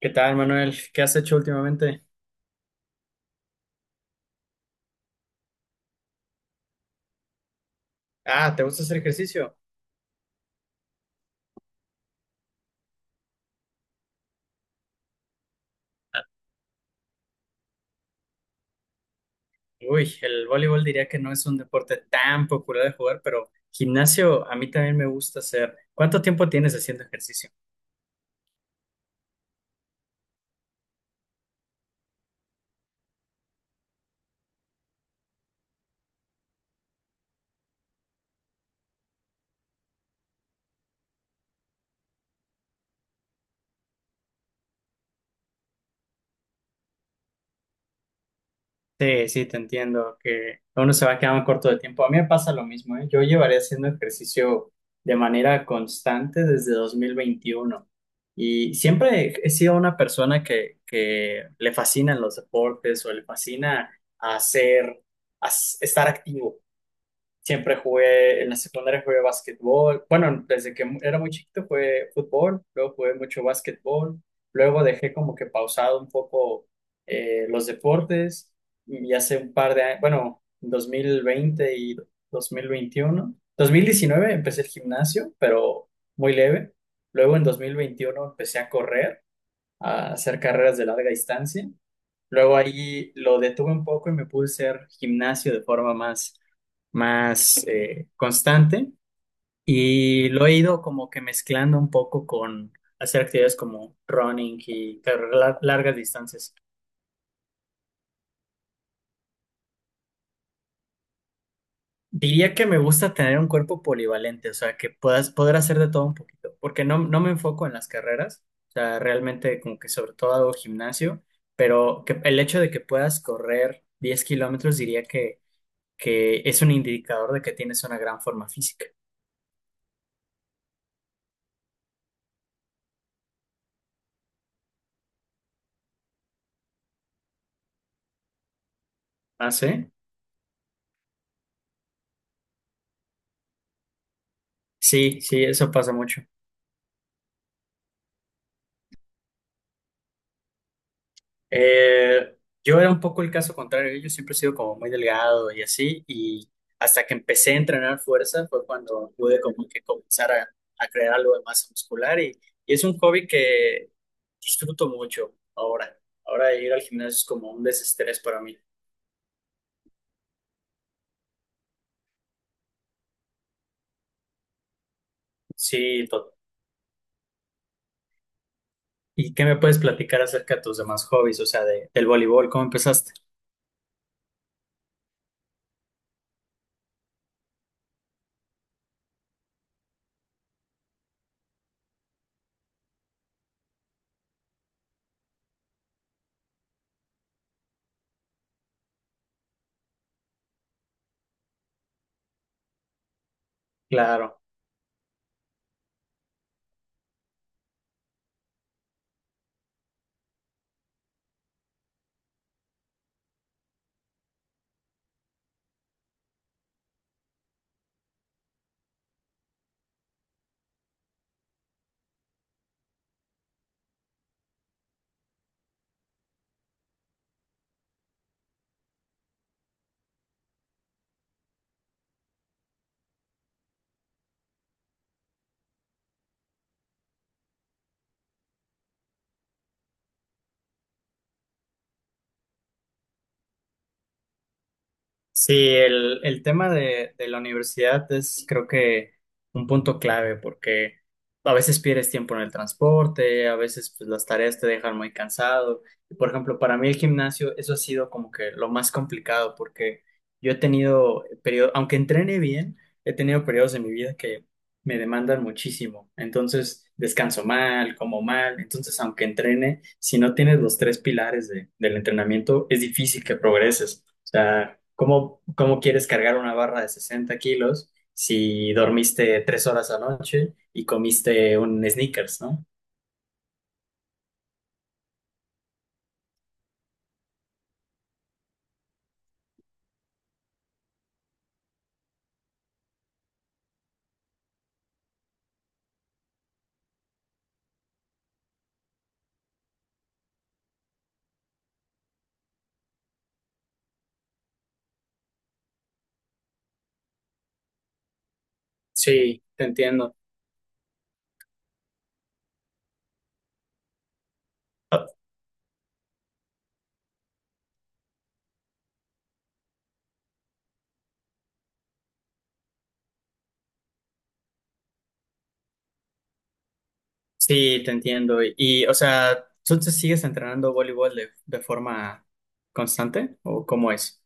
¿Qué tal, Manuel? ¿Qué has hecho últimamente? Ah, ¿te gusta hacer ejercicio? Ah, uy, el voleibol diría que no es un deporte tan popular de jugar, pero gimnasio a mí también me gusta hacer. ¿Cuánto tiempo tienes haciendo ejercicio? Sí, sí, te entiendo que uno se va quedando corto de tiempo. A mí me pasa lo mismo, ¿eh? Yo llevaré haciendo ejercicio de manera constante desde 2021 y siempre he sido una persona que le fascinan los deportes o le fascina hacer, estar activo. Siempre jugué, en la secundaria jugué básquetbol. Bueno, desde que era muy chiquito jugué fútbol, luego jugué mucho básquetbol, luego dejé como que pausado un poco los deportes y hace un par de años, bueno, 2020 y 2021. 2019 empecé el gimnasio, pero muy leve. Luego en 2021 empecé a correr, a hacer carreras de larga distancia. Luego ahí lo detuve un poco y me puse a hacer gimnasio de forma más constante y lo he ido como que mezclando un poco con hacer actividades como running y carreras largas distancias. Diría que me gusta tener un cuerpo polivalente, o sea, que puedas poder hacer de todo un poquito, porque no, no me enfoco en las carreras, o sea, realmente como que sobre todo hago gimnasio, pero que el hecho de que puedas correr 10 kilómetros diría que es un indicador de que tienes una gran forma física. ¿Ah, sí? Sí, sí, eso pasa mucho. Eh, yo era un poco el caso contrario, yo siempre he sido como muy delgado y así, y hasta que empecé a entrenar fuerza fue cuando pude como que comenzar a crear algo de masa muscular y es un hobby que disfruto mucho ahora. Ahora ir al gimnasio es como un desestrés para mí. Sí. ¿Y qué me puedes platicar acerca de tus demás hobbies? O sea, de, del voleibol, ¿cómo empezaste? Claro. Sí, el tema de la universidad es creo que un punto clave porque a veces pierdes tiempo en el transporte, a veces pues, las tareas te dejan muy cansado. Y, por ejemplo, para mí el gimnasio, eso ha sido como que lo más complicado porque yo he tenido periodos, aunque entrene bien, he tenido periodos en mi vida que me demandan muchísimo. Entonces descanso mal, como mal. Entonces, aunque entrene, si no tienes los tres pilares del entrenamiento, es difícil que progreses sea, ¿cómo, cómo quieres cargar una barra de 60 kilos si dormiste 3 horas anoche y comiste un Snickers, ¿no? Sí, te entiendo. Ah, sí, te entiendo. Y, o sea, ¿tú te sigues entrenando voleibol de forma constante o cómo es?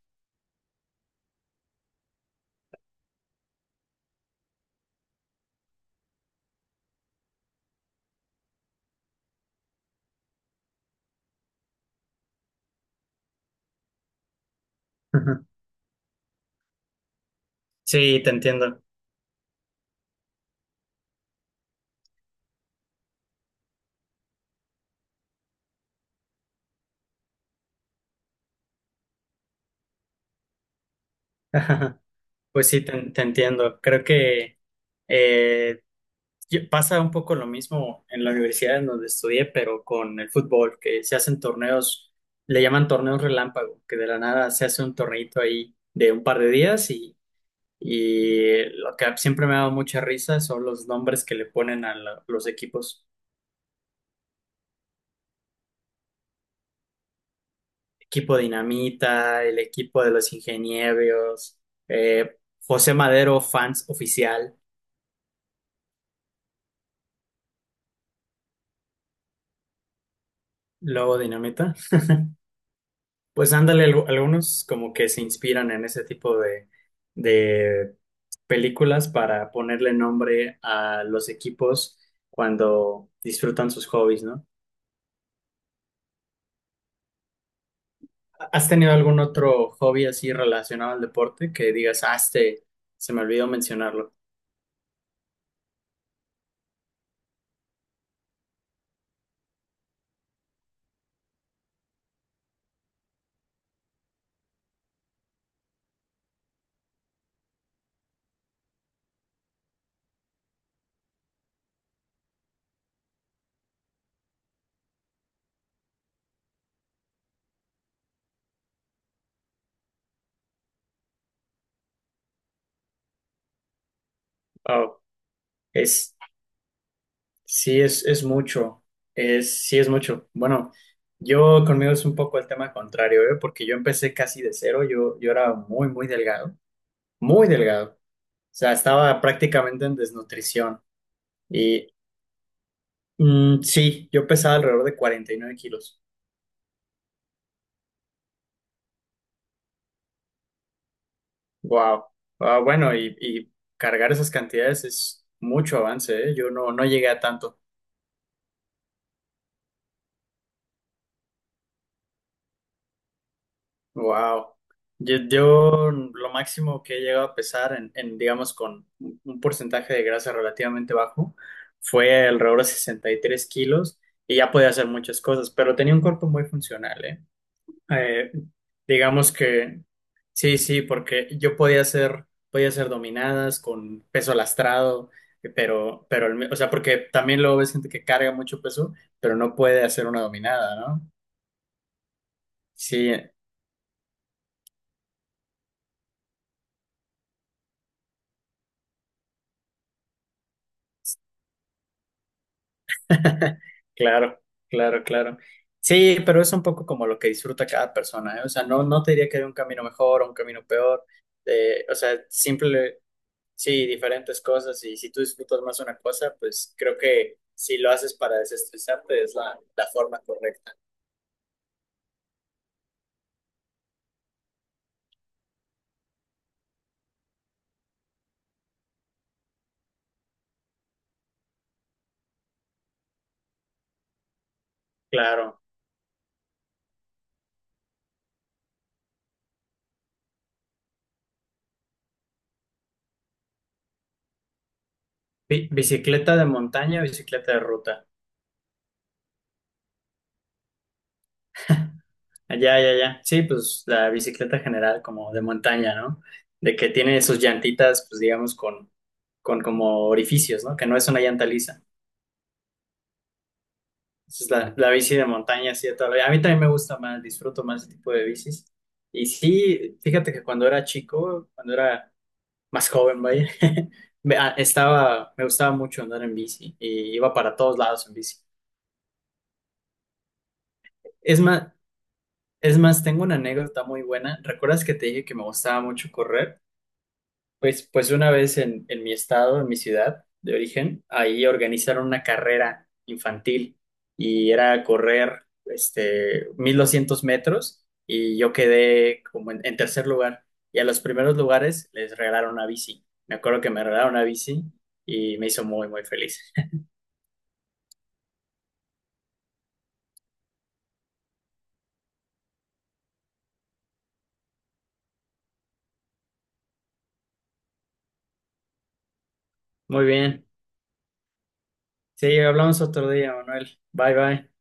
Ujú. Sí, te entiendo. Pues sí, te entiendo. Creo que eh, y pasa un poco lo mismo en la universidad en donde estudié, pero con el fútbol, que se hacen torneos, le llaman torneos relámpago, que de la nada se hace un torneito ahí de un par de días y lo que siempre me ha dado mucha risa son los nombres que le ponen a los equipos. Equipo Dinamita, el equipo de los ingenieros, eh, José Madero, fans oficial, luego Dinamita. Pues ándale, algunos como que se inspiran en ese tipo de películas para ponerle nombre a los equipos cuando disfrutan sus hobbies, ¿no? ¿Has tenido algún otro hobby así relacionado al deporte que digas, ah, este, se me olvidó mencionarlo? Oh, es, sí, es mucho, es, sí, es mucho. Bueno, yo conmigo es un poco el tema contrario, ¿eh? Porque yo empecé casi de cero, yo era muy, muy delgado, muy delgado. O sea, estaba prácticamente en desnutrición y sí, yo pesaba alrededor de 49 kilos. Wow. Ah, bueno, y cargar esas cantidades es mucho avance, ¿eh? Yo no, no llegué a tanto. Wow. Yo lo máximo que he llegado a pesar en, digamos, con un porcentaje de grasa relativamente bajo fue alrededor de 63 kilos y ya podía hacer muchas cosas, pero tenía un cuerpo muy funcional, ¿eh? Eh, digamos que sí, sí, porque yo podía hacer dominadas con peso lastrado, pero, o sea, porque también luego ves gente que carga mucho peso, pero no puede hacer una dominada, ¿no? Sí, claro, claro, claro. Sí, pero es un poco como lo que disfruta cada persona, ¿eh? O sea, no, no te diría que hay un camino mejor o un camino peor. O sea, simple, sí, diferentes cosas y si tú disfrutas más una cosa, pues creo que si lo haces para desestresarte es la forma correcta. Claro. Bicicleta de montaña, o bicicleta de ruta. Allá, ya, ya. Sí, pues la bicicleta general como de montaña, ¿no? De que tiene sus llantitas, pues digamos, con como orificios, ¿no? Que no es una llanta lisa. Esa es la bici de montaña, sí, todavía. A mí también me gusta más, disfruto más ese tipo de bicis. Y sí, fíjate que cuando era chico, cuando era más joven, vaya. Estaba, me gustaba mucho andar en bici y iba para todos lados en bici. Es más, es más, tengo una anécdota muy buena. ¿Recuerdas que te dije que me gustaba mucho correr? Pues, pues una vez en mi estado, en mi ciudad de origen, ahí organizaron una carrera infantil y era correr este, 1.200 metros y yo quedé como en tercer lugar. Y a los primeros lugares les regalaron una bici. Me acuerdo que me regalaron una bici y me hizo muy, muy feliz. Muy bien. Sí, hablamos otro día, Manuel. Bye, bye.